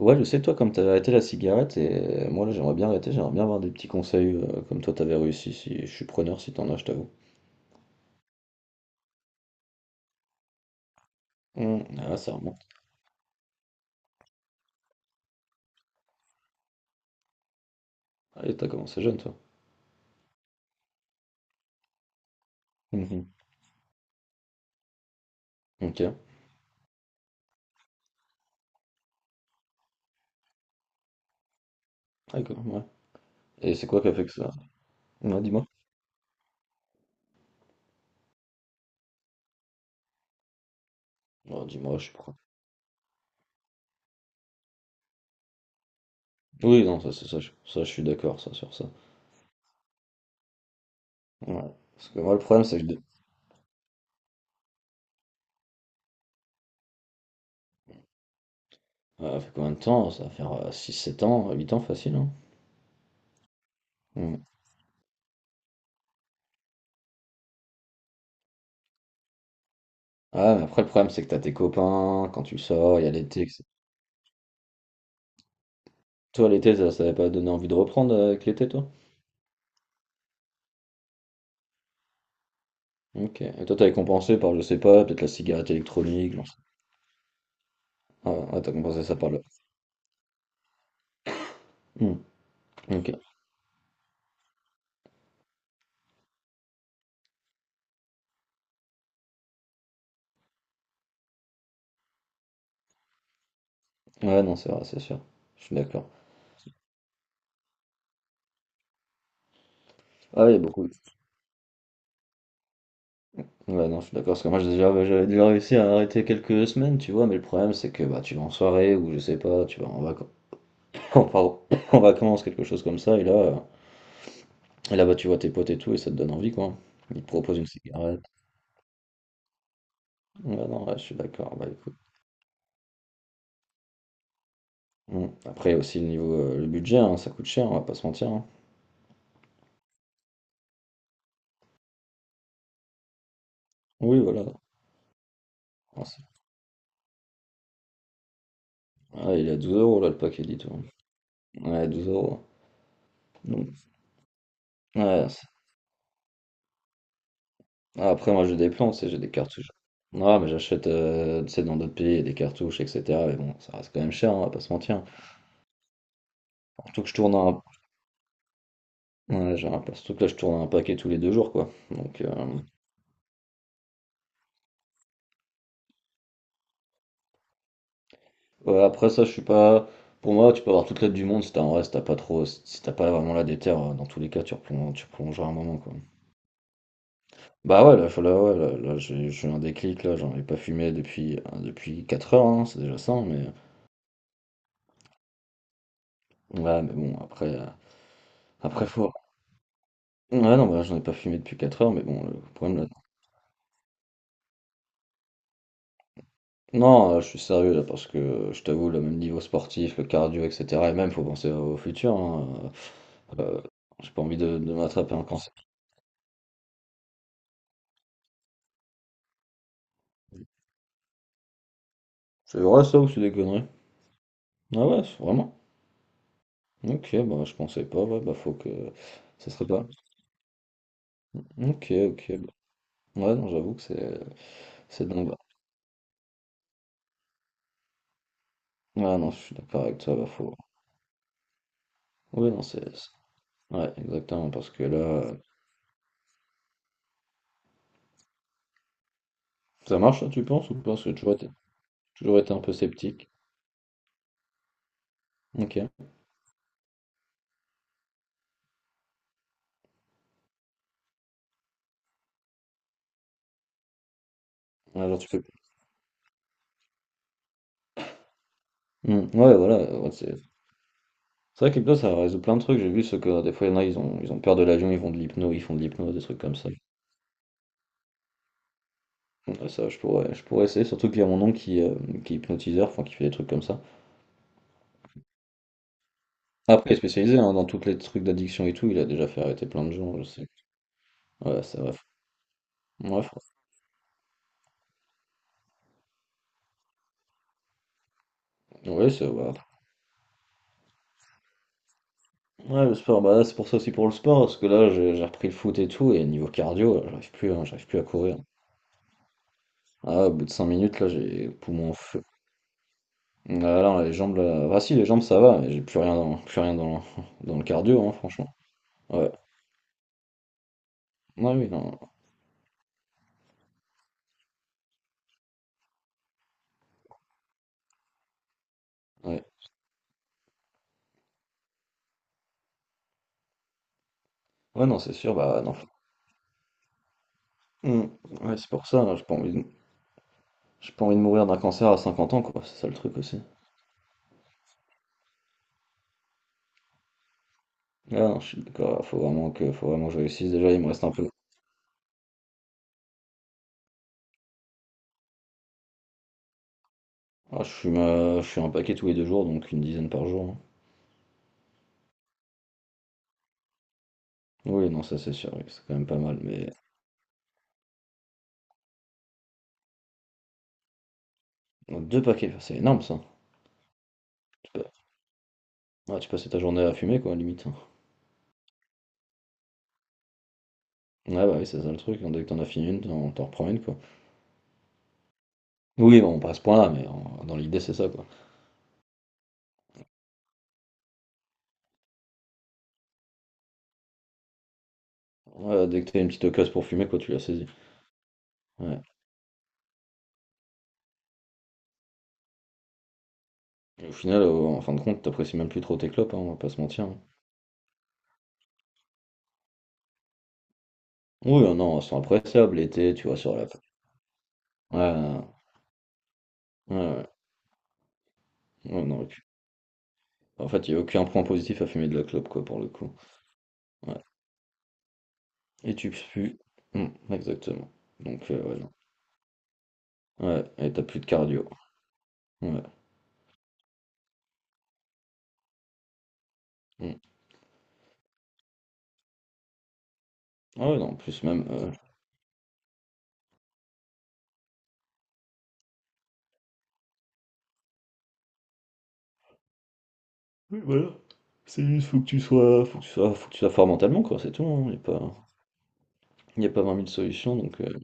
Ouais, je sais, toi, comme t'avais arrêté la cigarette, et moi, là, j'aimerais bien arrêter, j'aimerais bien avoir des petits conseils comme toi, t'avais réussi, si je suis preneur, si t'en as, je t'avoue. Ah, ça remonte. Ah, et t'as commencé jeune, toi. Mhm. Ok, d'accord, ouais. Et c'est quoi qui a fait que ça? Ouais, dis-moi. Oh, dis-moi, je suis pro. Oui, non, ça, c'est ça, je suis d'accord, ça, sur ça. Ouais. Parce que moi, le problème, c'est que je... Ça fait combien de temps? Ça va faire 6-7 ans, 8 ans facile, hein? Mm. Ah, mais après, le problème, c'est que t'as tes copains, quand tu sors, il y a l'été, etc. Toi, l'été, ça t'avait pas donné envie de reprendre avec l'été, toi? Ok. Et toi, t'avais compensé par, je sais pas, peut-être la cigarette électronique. J'en sais... Ah, ouais, t'as compensé ça par là. Hmm, ok. Ouais, non, c'est vrai, c'est sûr. Je suis d'accord. Ah, il y a beaucoup. Ouais, non, je suis d'accord. Parce que moi, j'ai déjà, bah, j'avais déjà réussi à arrêter quelques semaines, tu vois. Mais le problème, c'est que bah, tu vas en soirée ou je sais pas, tu vas en vacances. Pardon. En vacances, quelque chose comme ça. Et là bah, tu vois tes potes et tout, et ça te donne envie, quoi. Ils te proposent une cigarette. Ouais, non, ouais, je suis d'accord. Bah, écoute. Hmm. Après, il y a aussi le niveau, le budget, hein, ça coûte cher, on va pas se mentir, hein. Oui, voilà. Enfin, ah, il est à 12 euros là le paquet, dis-toi. Ouais, 12 euros. Donc, ouais, c'est... ah, après, moi j'ai des plans, tu sais, j'ai des cartouches. Non, mais j'achète tu sais, dans d'autres pays des cartouches, etc. Mais bon, ça reste quand même cher, hein, on va pas se mentir. Surtout que je tourne un... ouais, surtout que là, je tourne un paquet tous les deux jours, quoi. Donc, ouais, après ça, je suis pas. Pour moi, tu peux avoir toute l'aide du monde si t'as en reste, t'as pas trop. Si t'as pas vraiment la déter, dans tous les cas, tu replonges, tu replongeras un moment, quoi. Bah ouais, là, là, ouais, là, là, j'ai eu un déclic, là, j'en ai pas fumé depuis, depuis 4 heures, hein, c'est déjà ça, mais. Ouais, mais bon, après, après faut. Ouais, non, bah, j'en ai pas fumé depuis 4 heures, mais bon, le problème là. Non, je suis sérieux là, parce que je t'avoue, le même niveau sportif, le cardio, etc. Et même, faut penser au futur, hein, euh, euh, j'ai pas envie de m'attraper un cancer. C'est vrai ça ou c'est des conneries? Ah ouais, c'est... vraiment? Ok, bah je pensais pas, ouais, bah faut que. Ça serait pas. Ok, ok, bah. Ouais, non, j'avoue que c'est dingue. Ouais, ouais, non, je suis d'accord avec toi, bah faut. Oui, non, c'est. C'est... ouais, exactement, parce que là, euh. Ça marche, ça, tu penses, ou pas? Parce que tu vois, toujours été un peu sceptique. Ok. Ouais, genre, tu peux... Hmm, ouais, voilà. Ouais, c'est vrai que l'hypnose, ça résout plein de trucs. J'ai vu ce que des fois, il y en a, ils ont peur de l'avion, ils vont de l'hypno, ils font de l'hypnose, des trucs comme ça. Ouais, ça, je pourrais essayer. Surtout qu'il y a mon oncle qui est hypnotiseur, enfin, qui fait des trucs comme ça. Après, il est spécialisé hein, dans tous les trucs d'addiction et tout. Il a déjà fait arrêter plein de gens, je sais. Ouais, ça va. Ouais, franchement. Ouais, c'est ouais. Ouais, le sport, bah là, c'est pour ça aussi pour le sport, parce que là, j'ai repris le foot et tout, et niveau cardio, là, j'arrive plus, hein, j'arrive plus à courir. Ah, au bout de 5 minutes, là, j'ai les poumons en... Ah non, les jambes là. Ah si, les jambes ça va, mais j'ai plus rien dans, dans le cardio, hein, franchement. Ouais. Ouais, oui, non. Ouais, ouais non, c'est sûr, bah non. Hmm. Ouais, c'est pour ça, hein, j'ai pas envie de... j'ai pas envie de mourir d'un cancer à 50 ans, quoi, c'est ça le truc aussi. Ah non, je suis d'accord, faut vraiment que je réussisse. Déjà, il me reste un peu. Ah, je fume un paquet tous les deux jours, donc une dizaine par jour, hein. Oui, non, ça c'est sûr, oui, c'est quand même pas mal, mais. 2 paquets, c'est énorme ça. Tu peux... ouais, tu passes ta journée à fumer, quoi, limite, hein. Ouais, bah oui, c'est ça le truc, hein, dès que t'en as fini une, t'en reprends une, quoi. Oui, bon, pas à ce point-là, dans l'idée, c'est ça, quoi. Ouais, dès que t'as une petite occasion pour fumer, quoi, tu la saisis. Ouais. Et au final, en fin de compte, t'apprécies même plus trop tes clopes, hein, on va pas se mentir, hein. Oui, non, elles sont appréciables l'été, tu vois, sur la... Ouais, ouais, ouais. Ouais, ouais, non, et puis... en fait, il n'y a aucun point positif à fumer de la clope, quoi, pour le coup. Ouais. Et tu pues. Hmm, exactement. Donc, ouais, non. Ouais, et t'as plus de cardio. Ouais. Hmm. Ah ouais, non, en plus, même... euh. Oui, voilà. C'est juste, faut que tu sois... faut que tu sois, faut que tu sois fort mentalement, quoi, c'est tout, hein, y a pas... Il y a pas 20 000 solutions,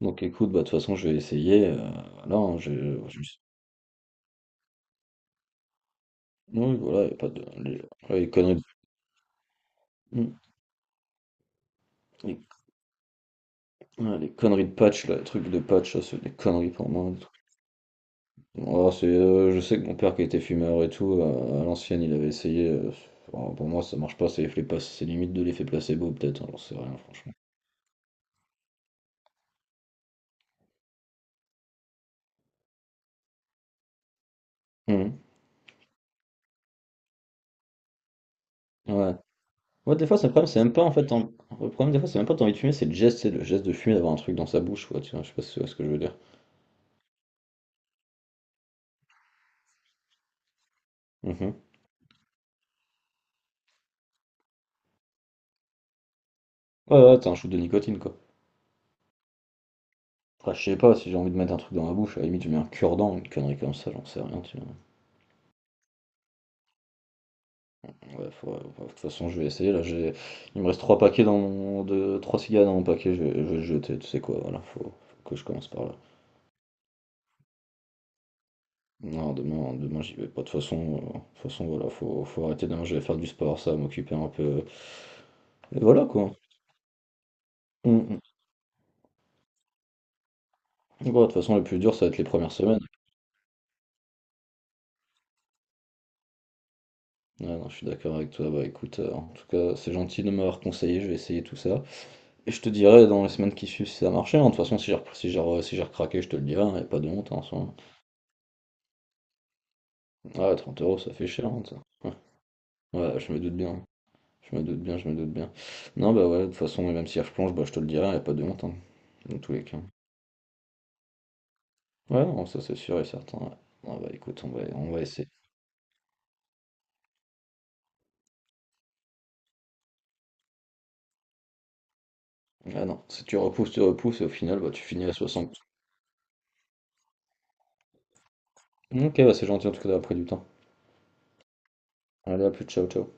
donc écoute, bah, de toute façon, je vais essayer, voilà, hein, je me suis oui, voilà, il y a pas de les après les conneries de mmh, les ouais, les conneries de patch, là, les trucs de patch, ça, c'est des conneries pour moi. Oh, c'est, je sais que mon père qui était fumeur et tout, à l'ancienne, il avait essayé, oh, pour moi, ça marche pas, c'est l'effet pas c'est limite de l'effet placebo peut-être, hein, j'en sais rien franchement. Mmh. Ouais. Ouais, des fois, c'est le problème, c'est même pas, en fait, en le problème, des fois, c'est même pas tu envie de fumer, c'est le geste de fumer, d'avoir un truc dans sa bouche, quoi, tu vois? Je sais pas si tu vois ce que je veux dire? Mmh. Ouais, ouais, t'as un shoot de nicotine, quoi. Après, je sais pas, si j'ai envie de mettre un truc dans ma bouche, à la limite, je mets un cure-dent, une connerie comme ça, j'en sais rien, tu vois. Ouais, ouais, de toute façon, je vais essayer, là, j'ai... Il me reste 3 paquets dans mon... de... 3 cigares dans mon paquet, je vais le jeter, tu sais quoi, voilà, faut... faut que je commence par là. Non, demain, demain, j'y vais pas, de toute façon, voilà, faut... faut arrêter, demain, je vais faire du sport, ça, va m'occuper un peu... Et voilà, quoi. Mm, mm. Bon, de toute façon, le plus dur, ça va être les premières semaines. Ouais, non, je suis d'accord avec toi, bah écoute, en tout cas, c'est gentil de m'avoir conseillé, je vais essayer tout ça. Et je te dirai dans les semaines qui suivent si ça a marché, hein. De toute façon, si j'ai recraqué, je te le dirai, il a pas de honte hein, en soi. Ouais, 30 euros, ça fait cher, hein, ça. Ouais. Ouais, je me doute bien. Je me doute bien, je me doute bien. Non, bah ouais, de toute façon, même si elle replonge, bah, je te le dirai, il a pas de honte, hein, dans tous les cas. Ouais, non, ça c'est sûr et certain, ouais. Ah bah écoute, on va essayer. Ah non, si tu repousses, tu repousses, et au final, bah, tu finis à 60. Ok, bah c'est gentil en tout cas d'avoir pris du temps. Allez, à plus, ciao, ciao.